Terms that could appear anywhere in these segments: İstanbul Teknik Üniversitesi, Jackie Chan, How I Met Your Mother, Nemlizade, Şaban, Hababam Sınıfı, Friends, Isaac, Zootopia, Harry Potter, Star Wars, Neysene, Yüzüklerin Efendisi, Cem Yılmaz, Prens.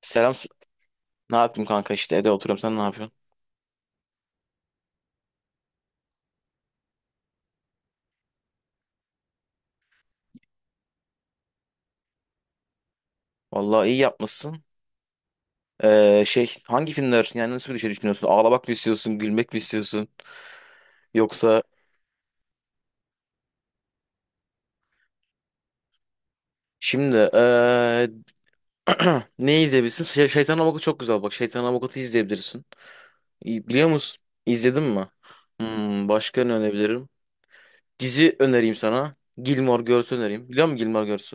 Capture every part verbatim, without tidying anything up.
Selam. s- Ne yaptım, kanka, işte evde oturuyorum, sen ne yapıyorsun? Vallahi iyi yapmışsın. Ee, şey hangi filmler, yani nasıl bir şey düşünüyorsun? Ağlamak mı istiyorsun? Gülmek mi istiyorsun? Yoksa şimdi ee, ne izleyebilirsin? Şey, Şeytan Avukatı çok güzel bak. Şeytan Avukatı izleyebilirsin. İyi, biliyor musun? İzledin mi? Hmm, başka ne önebilirim? Dizi önereyim sana. Gilmore Girls önereyim. Biliyor musun Gilmore Girls?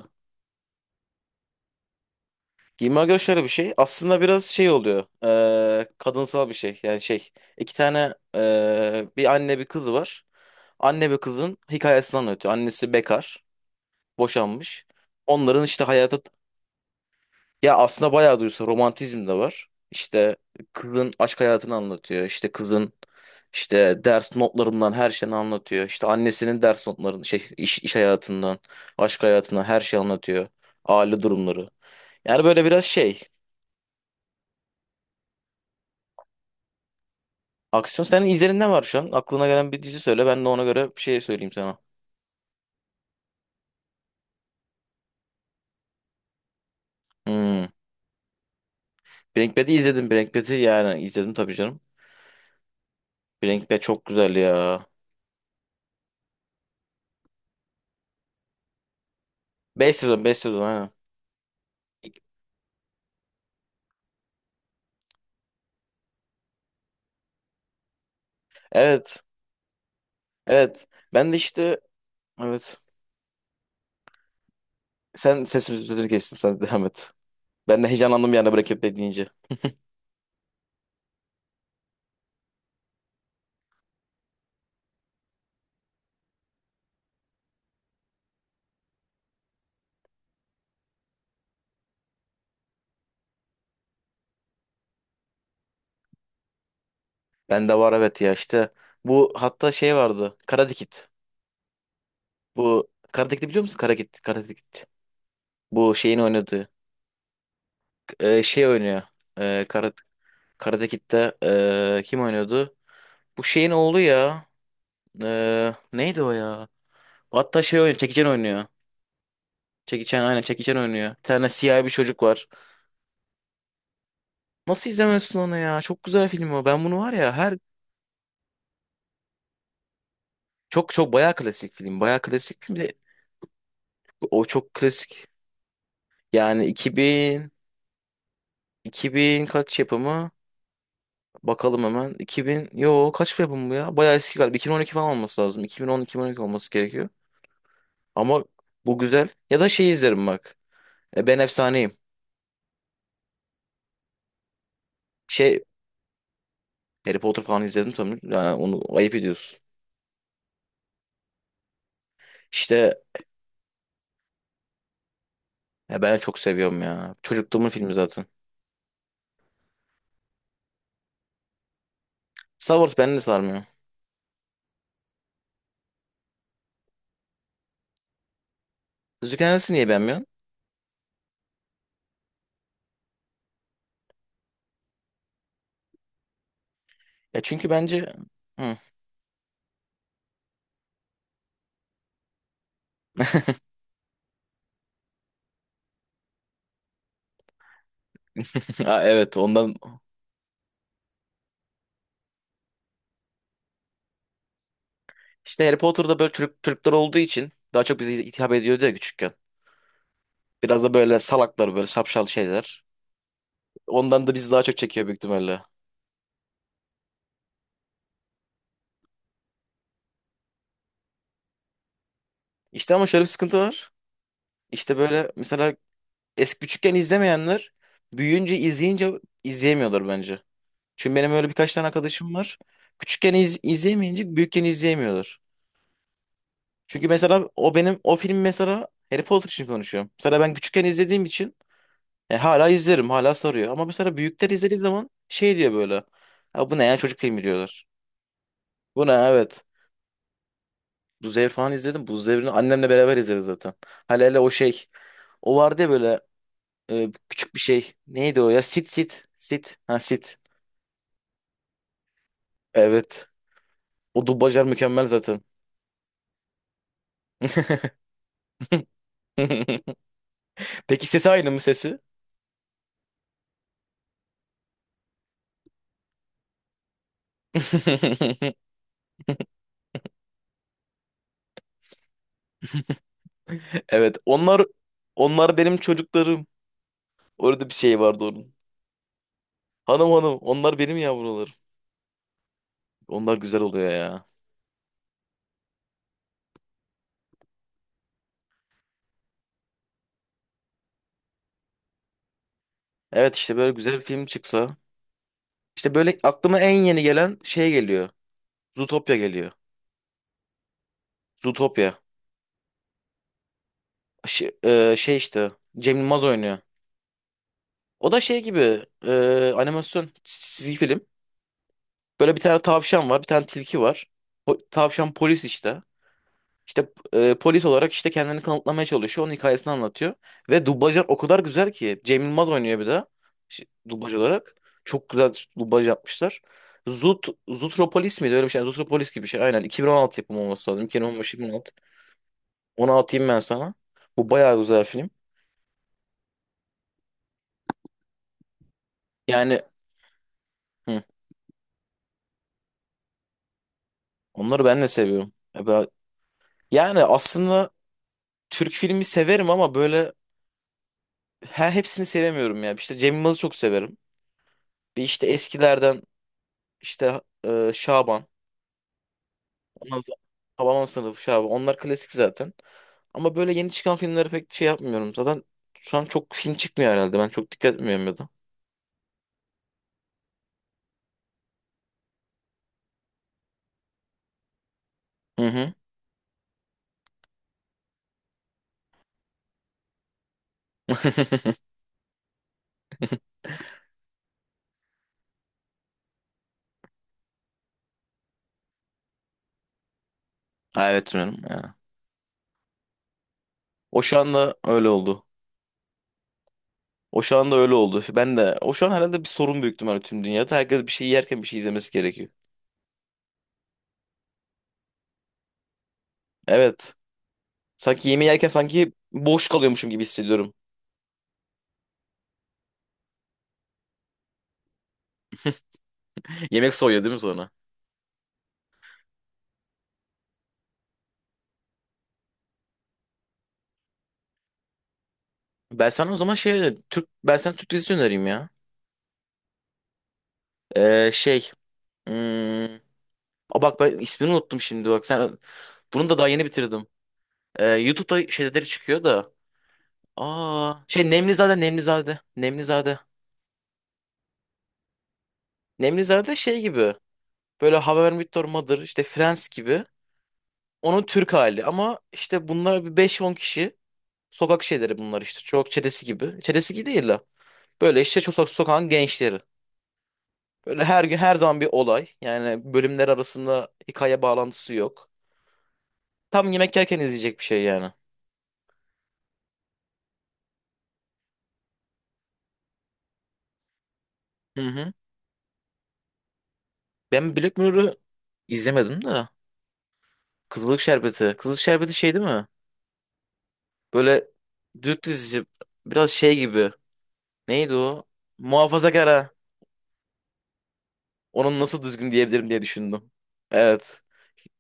Giyime göre şöyle bir şey. Aslında biraz şey oluyor. Eee, kadınsal bir şey. Yani şey. İki tane eee, bir anne bir kızı var. Anne ve kızın hikayesini anlatıyor. Annesi bekar. Boşanmış. Onların işte hayatı. Ya aslında bayağı duysa romantizm de var. İşte kızın aşk hayatını anlatıyor. İşte kızın işte ders notlarından her şeyini anlatıyor. İşte annesinin ders notlarını şey iş, iş hayatından, aşk hayatından her şeyi anlatıyor. Aile durumları. Yani böyle biraz şey. Aksiyon senin izlerinden var şu an. Aklına gelen bir dizi söyle. Ben de ona göre bir şey söyleyeyim sana. Hmm. Breaking Bad'i izledim. Breaking Bad'i yani izledim tabii canım. Breaking Bad çok güzel ya. beş sezon, beş sezon ha. Evet. Evet. Ben de işte evet. Sen ses sözünü kestim. Sen devam et. Ben de heyecanlandım yani Breaking Bad deyince. Ben de var evet ya işte. Bu hatta şey vardı. Karate Kid. Bu Karate Kid'i biliyor musun? Karate Kid. Karate Kid. Bu şeyin oynadığı. K- e, şey oynuyor. E, Karate Karate Kid'de eee, kim oynuyordu? Bu şeyin oğlu ya. Eee, neydi o ya? Hatta şey oynuyor. Jackie Chan oynuyor. Jackie Chan, aynen, Jackie Chan oynuyor. Bir tane siyah bir çocuk var. Nasıl izlemezsin onu ya? Çok güzel film o. Ben bunu var ya her çok çok bayağı klasik film. Bayağı klasik film de o çok klasik. Yani iki bin iki bin kaç yapımı? Bakalım hemen. İki bin yo Kaç yapımı bu ya? Bayağı eski galiba. iki bin on iki falan olması lazım. iki bin on-iki bin on iki olması gerekiyor. Ama bu güzel. Ya da şey izlerim bak. E, Ben Efsaneyim. Şey, Harry Potter falan izledim tabii. Yani onu ayıp ediyorsun. İşte ya ben çok seviyorum ya. Çocukluğumun filmi zaten. Star Wars beni de sarmıyor. Yüzüklerin Efendisi niye beğenmiyorsun? Ya çünkü bence. Hı. Ha, evet ondan. İşte Harry Potter'da böyle Türk Türkler olduğu için daha çok bize hitap ediyordu ya küçükken. Biraz da böyle salaklar, böyle şapşal şeyler. Ondan da bizi daha çok çekiyor büyük ihtimalle. İşte ama şöyle bir sıkıntı var. İşte böyle mesela eski küçükken izlemeyenler büyüyünce izleyince izleyemiyorlar bence. Çünkü benim öyle birkaç tane arkadaşım var. Küçükken iz- izleyemeyince büyükken izleyemiyorlar. Çünkü mesela o benim o film mesela Harry Potter için konuşuyorum. Mesela ben küçükken izlediğim için e, hala izlerim, hala sarıyor. Ama mesela büyükler izlediği zaman şey diyor böyle. Ya bu ne ya, çocuk filmi diyorlar. Bu ne, evet. Bu Devri falan izledim. Bu Devri'ni annemle beraber izleriz zaten. Hele hele o şey. O vardı ya böyle e, küçük bir şey. Neydi o ya? Sit sit. Sit. Ha, sit. Evet. O dublajlar mükemmel zaten. Peki sesi aynı mı, sesi? Evet, onlar onlar benim çocuklarım. Orada bir şey vardı onun. Hanım hanım, onlar benim yavrularım. Onlar güzel oluyor ya. Evet, işte böyle güzel bir film çıksa. İşte böyle aklıma en yeni gelen şey geliyor. Zootopia geliyor. Zootopia. Şey, e, şey işte Cem Yılmaz oynuyor. O da şey gibi, e, animasyon çizgi film. Böyle bir tane tavşan var, bir tane tilki var. Po- tavşan polis işte. İşte e, polis olarak işte kendini kanıtlamaya çalışıyor. Onun hikayesini anlatıyor. Ve dublajlar o kadar güzel ki. Cem Yılmaz oynuyor bir de. Şi- Dublaj olarak. Çok güzel dublaj yapmışlar. Zut, Zutropolis miydi? Öyle bir şey. Yani Zutropolis gibi bir şey. Aynen. iki bin on altı yapımı olması lazım. iki bin on beş-iki bin on altı. Onu atayım ben sana. Bu bayağı güzel film. Yani hı, onları ben de seviyorum. Ya ben- Yani aslında Türk filmi severim ama böyle he, hepsini sevemiyorum ya. İşte Cem Yılmaz'ı çok severim. Bir işte eskilerden işte e, Şaban. Ondan sonra Hababam Sınıfı, Şaban, onlar klasik zaten. Ama böyle yeni çıkan filmlere pek şey yapmıyorum. Zaten şu an çok film çıkmıyor herhalde. Ben çok dikkat etmiyorum ya da. Hı hı. Ha, evet canım ya. O şu anda öyle oldu. O şu anda öyle oldu. Ben de o şu an herhalde bir sorun büyük ihtimalle tüm dünyada. Herkes bir şey yerken bir şey izlemesi gerekiyor. Evet. Sanki yemeği yerken sanki boş kalıyormuşum gibi hissediyorum. Yemek soğuyor değil mi sonra? Ben sana o zaman şey Türk ben sana Türk dizisi önereyim ya. Ee, şey, hmm, Aa, bak, ben ismini unuttum şimdi, bak sen. Bunu da daha yeni bitirdim. Ee, YouTube'da şeyleri çıkıyor da. Aa, şey, Nemlizade, Nemlizade, Nemlizade. Nemlizade şey gibi. Böyle How I Met Your Mother, işte Friends gibi. Onun Türk hali ama işte bunlar bir beş on kişi. Sokak şeyleri bunlar işte. Çok çetesi gibi. Çetesi gibi değil de. Böyle işte çok sokağın gençleri. Böyle her gün her zaman bir olay. Yani bölümler arasında hikaye bağlantısı yok. Tam yemek yerken izleyecek bir şey yani. Hı hı. Ben Black Mirror'ı izlemedim de. Kızılık şerbeti. Kızılık şerbeti şey değil mi? Böyle Türk dizisi, biraz şey gibi. Neydi o? Muhafazakar. Onun nasıl düzgün diyebilirim diye düşündüm. Evet.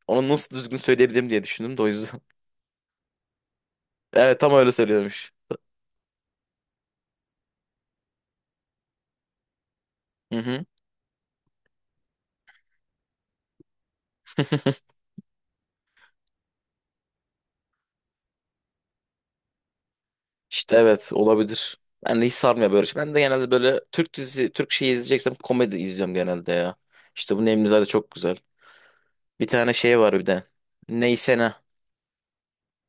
Onu nasıl düzgün söyleyebilirim diye düşündüm de o yüzden. Evet, tam öyle söylüyormuş. Hı hı. İşte evet, olabilir. Ben de hiç sarmıyor böyle. Şey. Ben de genelde böyle Türk dizisi, Türk şeyi izleyeceksem komedi izliyorum genelde ya. İşte bu Nemlizade çok güzel. Bir tane şey var bir de. Neysene.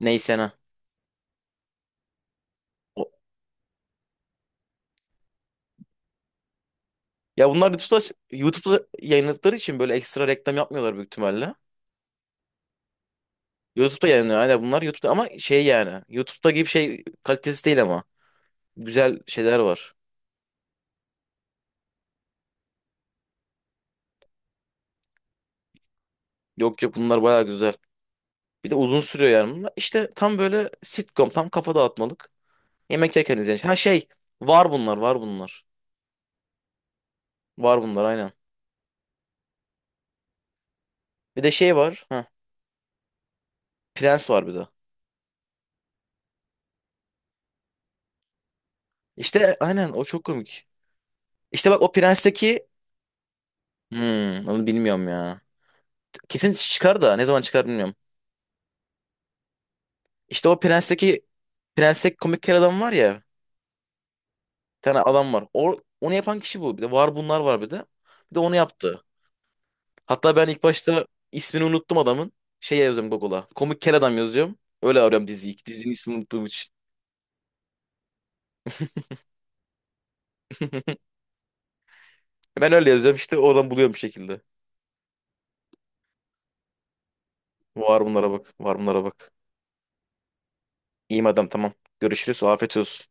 Neysene. Ya bunlar YouTube'da, YouTube'da yayınladıkları için böyle ekstra reklam yapmıyorlar büyük ihtimalle. YouTube'da yayınlıyor. Aynen bunlar YouTube'da ama şey yani. YouTube'da gibi şey kalitesi değil ama. Güzel şeyler var. Yok yok, bunlar bayağı güzel. Bir de uzun sürüyor yani bunlar. İşte tam böyle sitcom, tam kafa dağıtmalık. Yemek yerken izlenecek. Ha şey, var bunlar var bunlar. Var bunlar aynen. Bir de şey var. Ha, Prens var bir de. İşte aynen, o çok komik. İşte bak, o Prens'teki. Hmm, Onu bilmiyorum ya. Kesin çıkar da ne zaman çıkar bilmiyorum. İşte o Prens'teki Prens'teki komik kel adam var ya. Bir tane adam var. O, onu yapan kişi bu. Bir de var bunlar var bir de. Bir de onu yaptı. Hatta ben ilk başta ismini unuttum adamın. Şey yazıyorum Google'a. Komik kel adam yazıyorum. Öyle arıyorum diziyi. Dizinin ismini unuttuğum için. Ben öyle yazıyorum işte, oradan buluyorum bir şekilde. Var bunlara bak. Var bunlara bak. İyiyim adam, tamam. Görüşürüz. Afiyet olsun.